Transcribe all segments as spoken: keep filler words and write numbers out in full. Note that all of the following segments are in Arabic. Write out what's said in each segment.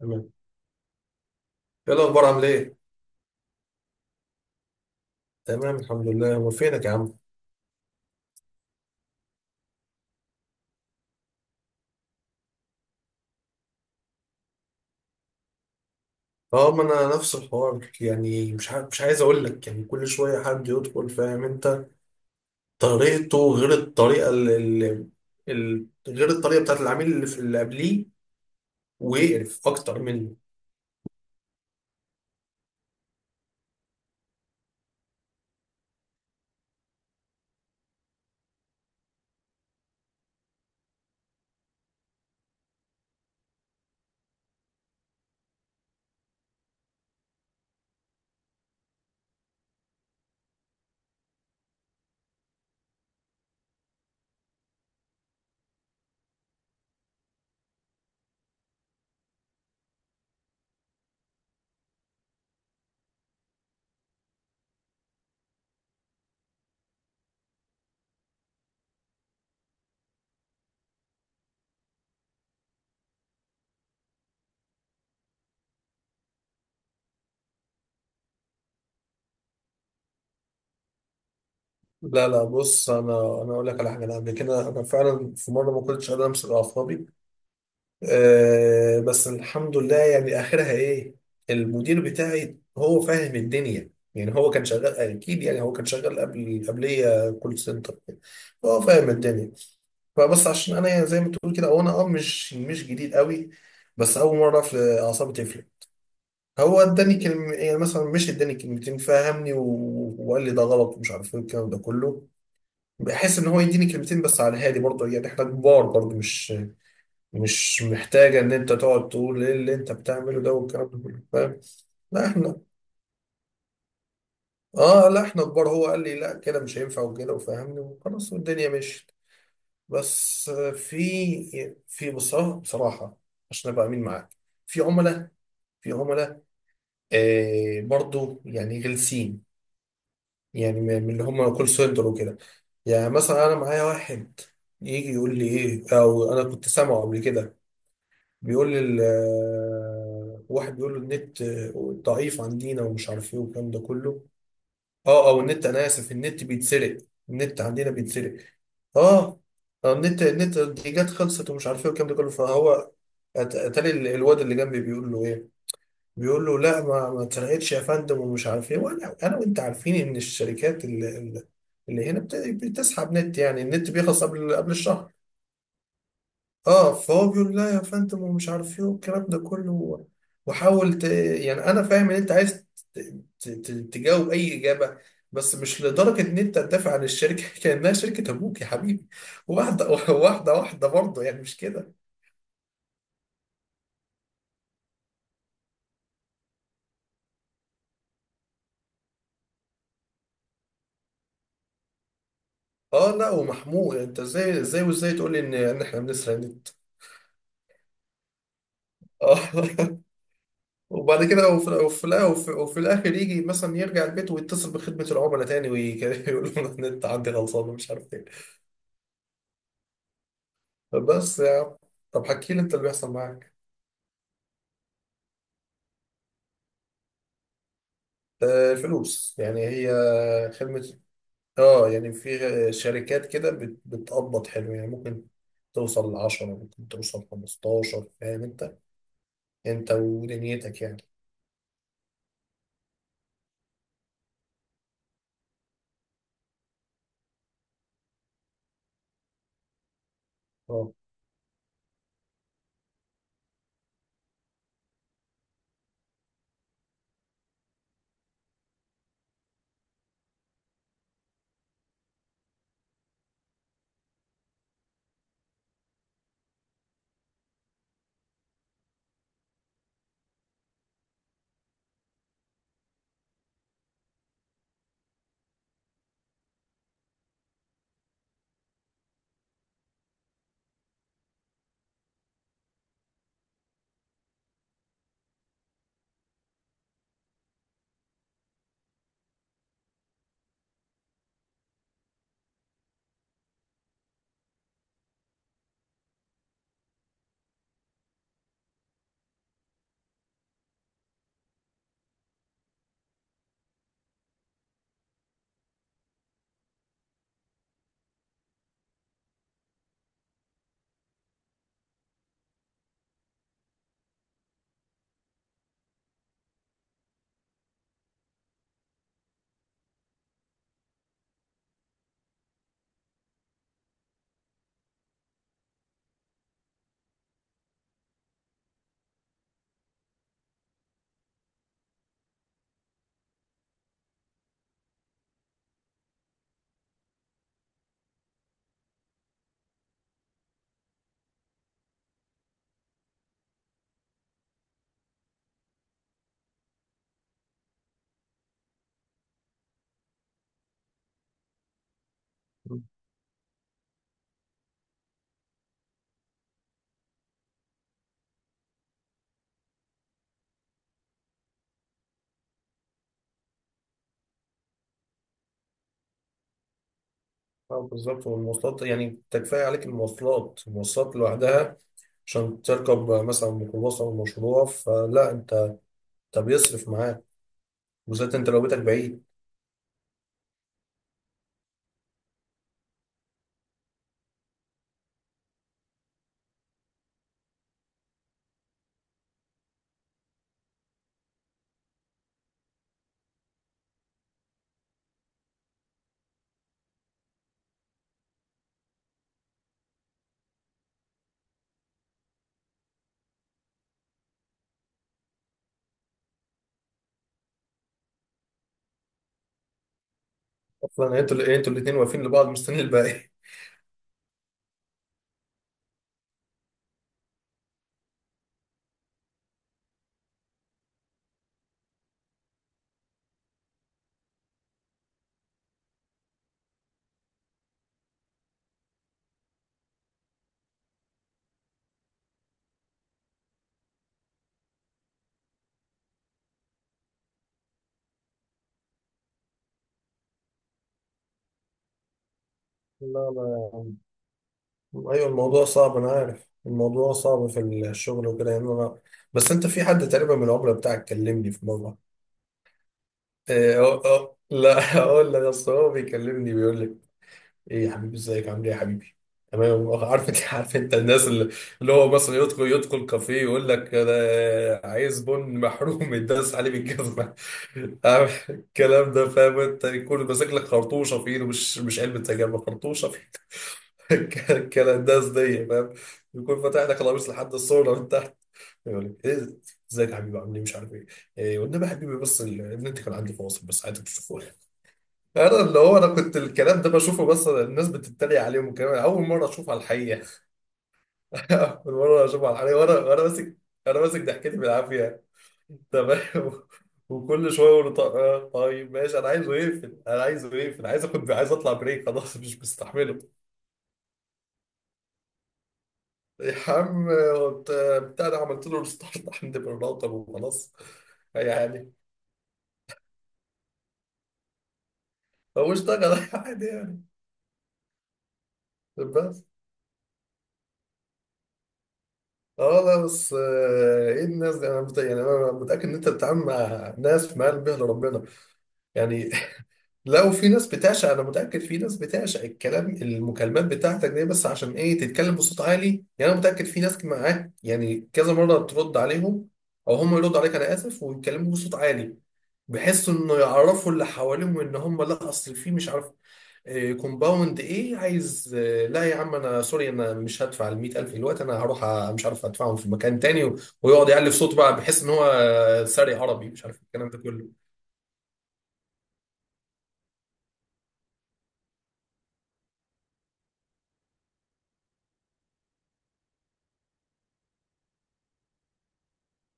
تمام. ايه الاخبار، عامل ايه؟ تمام، الحمد لله. هو فينك يا عم؟ اه، ما انا نفس الحوار، يعني مش ع... مش عايز اقول لك، يعني كل شويه حد يدخل، فاهم انت؟ طريقته غير الطريقه اللي, ال... غير الطريقه بتاعت العميل اللي في اللي قبليه، ويقرف اكتر منه. لا لا، بص، انا انا اقول لك على حاجه، انا قبل كده انا فعلا في مره ما كنتش قادر امسك اعصابي. آه بس الحمد لله، يعني اخرها ايه؟ المدير بتاعي هو فاهم الدنيا، يعني هو كان شغال اكيد، يعني هو كان شغال قبل قبليه كول سنتر. هو فاهم الدنيا. فبس عشان انا، يعني زي ما تقول كده، وانا اه مش مش جديد قوي. بس اول مره في اعصابي تفلت. هو اداني كلمه، يعني مثلا مش اداني كلمتين، فهمني و... وقال لي ده غلط، ومش عارف ايه الكلام ده كله. بحس ان هو يديني كلمتين بس على الهادي، برضه يعني احنا كبار، برضه مش مش محتاجة إن أنت تقعد تقول إيه اللي أنت بتعمله ده، والكلام ده كله، فاهم؟ لا، إحنا. آه، لا، إحنا كبار، هو قال لي لا كده مش هينفع، وكده، وفهمني وخلاص، والدنيا مشيت. بس آه، في في بصراحة بصراحة، عشان أبقى أمين معاك. في عملاء. في عملاء، آه برضو يعني غلسين، يعني من اللي هم كول سنتر وكده. يعني مثلا أنا معايا واحد، يجي يقول لي إيه، أو أنا كنت سامعه قبل كده. بيقول لي ال- آه، واحد بيقول له النت آه، ضعيف عندنا، ومش عارف ايه والكلام ده كله. اه، او النت، انا اسف، النت بيتسرق، النت عندنا بيتسرق. اه. آه، النت النت دي جت خلصت، ومش عارف ايه والكلام ده كله، فهو أت- اتاري ال- الواد اللي جنبي بيقول له ايه. بيقول له لا، ما ما اتسرقتش يا فندم، ومش عارف ايه، وانا انا وانت عارفين ان الشركات اللي, اللي هنا بت- بتسحب نت، يعني النت بيخلص قبل قبل الشهر. اه، فهو بيقول لا يا فندم، ومش عارف ايه والكلام ده كله. وحاول ت... يعني انا فاهم ان انت عايز ت... ت... ت... تجاوب اي اجابه، بس مش لدرجه ان انت تدافع عن الشركه كانها شركه ابوك يا حبيبي. واحده واحده واحده برضه، يعني مش كده. اه، لا، ومحمود، انت ازاي ازاي وازاي تقول لي ان ان احنا بنسرق النت؟ اه. وبعد كده وفي وفي, الآ- وفي... وفي الاخر يجي مثلا يرجع البيت ويتصل بخدمه العملاء تاني ويقول لهم النت عندي غلطان، ومش عارف ايه. بس يا عم، طب حكي لي انت اللي بيحصل معاك. آه، الفلوس يعني، هي خدمة. اه، يعني في شركات كده بت- بتقبض حلو، يعني ممكن توصل لعشرة، ممكن توصل خمستاشر، فاهم انت؟ انت ودنيتك يعني. اه اه، بالظبط، والمواصلات يعني تكفي عليك المواصلات، المواصلات لوحدها، عشان تركب مثلا ميكروباص او مشروع، فلا انت، انت بيصرف معاك، بالذات انت لو بيتك بعيد. اصلا انتوا ال- انتوا الاثنين واقفين لبعض مستنيين الباقي. لا، لا. ايوه، الموضوع صعب، انا عارف الموضوع صعب في الشغل وكده، يعني انا. بس انت في حد تقريبا من العملاء بتاعك كلمني في مره. إيه أو أو لا، اقول لك، اصل هو بيكلمني بيقول لك، ايه يا حبيبي، ازيك عامل ايه يا حبيبي؟ تمام. عارف انت عارف انت الناس اللي, اللي هو مثلا يدخل يدخل كافيه، يقول لك انا عايز بن محروم يداس عليه بالجزمه، عارف الكلام ده، فاهم انت، يكون ماسك لك خرطوشه في ايده، مش مش علبه سجاير، خرطوشه، الكلنداز دي، فاهم؟ يكون فاتح لك القميص لحد الصورة من تحت، يقول لك ايه، ازيك يا حبيبي عامل ايه، مش عارف ايه، إيه، وانما يا حبيبي بس ال- النت كان عندي فاصل، بس عادي بتشوفوه. انا اللي هو انا كنت الكلام ده بشوفه، بس الناس بتتريق عليهم الكلام ده. اول مره اشوفه على الحقيقه. اول مره اشوفه على الحقيقه، وانا وانا ماسك، انا ماسك ضحكتي بالعافيه. تمام. وكل شويه اقول له طيب آه، طيب، ماشي، انا عايزه يقفل، انا عايزه يقفل، عايز اخد، عايز اطلع بريك، خلاص مش مستحمله. يا عم وبت- بتاع ده، عملت له ريستارت عند الراوتر وخلاص، يعني هو اشتغل عادي يعني. بس اه لا بس، آه، ايه الناس دي؟ انا مت- يعني انا متاكد ان انت بتتعامل مع ناس في مقلب به لربنا، يعني. لو في ناس بتعشق، انا متاكد في ناس بتعشق الكلام، المكالمات بتاعتك دي، بس عشان ايه تتكلم بصوت عالي؟ يعني انا متاكد في ناس معاك، يعني كذا مره ترد عليهم، او هم يردوا عليك، انا اسف، ويتكلموا بصوت عالي، بحيث انه يعرفوا اللي حواليهم ان هم، لا اصل في، مش عارف، كومباوند ايه عايز، آه، لا يا عم انا سوري، انا مش هدفع ال مئة ألف دلوقتي، انا هروح أ- مش عارف ادفعهم في مكان تاني و- ويقعد يعلي في صوته بقى، بحيث ان هو آه، ساري عربي، مش عارف الكلام ده كله.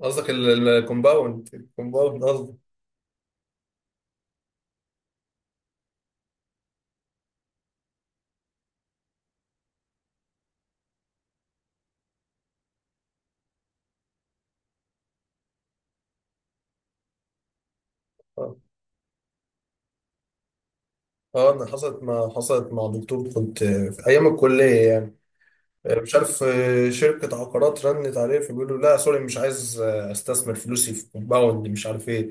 قصدك الكومباوند، الكومباوند قصدي. اه آه، انا حصلت ما حصلت مع دكتور، كنت آه، في ايام الكليه يعني. آه، مش عارف آه، شركة عقارات رنت عليه، فبيقولوا لا سوري، مش عايز آه، استثمر فلوسي في كومباوند، مش عارف ايه.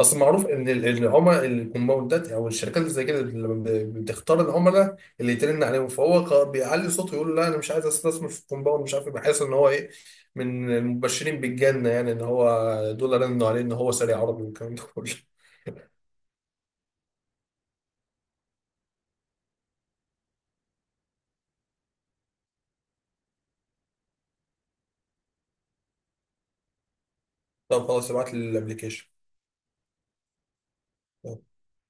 اصل معروف ان ال- إن العملاء الكومباوندات، او الشركات اللي زي كده، لما ب- بتختار العملاء اللي يترن عليهم، فهو خ- بيعلي صوته يقول لا انا مش عايز استثمر في كومباوند، مش عارف ايه، بحيث ان هو ايه، من المبشرين بالجنة، يعني ان هو دول رنوا عليه، ان هو سريع عربي والكلام ده كله. طب خلاص، ابعت لي الابلكيشن.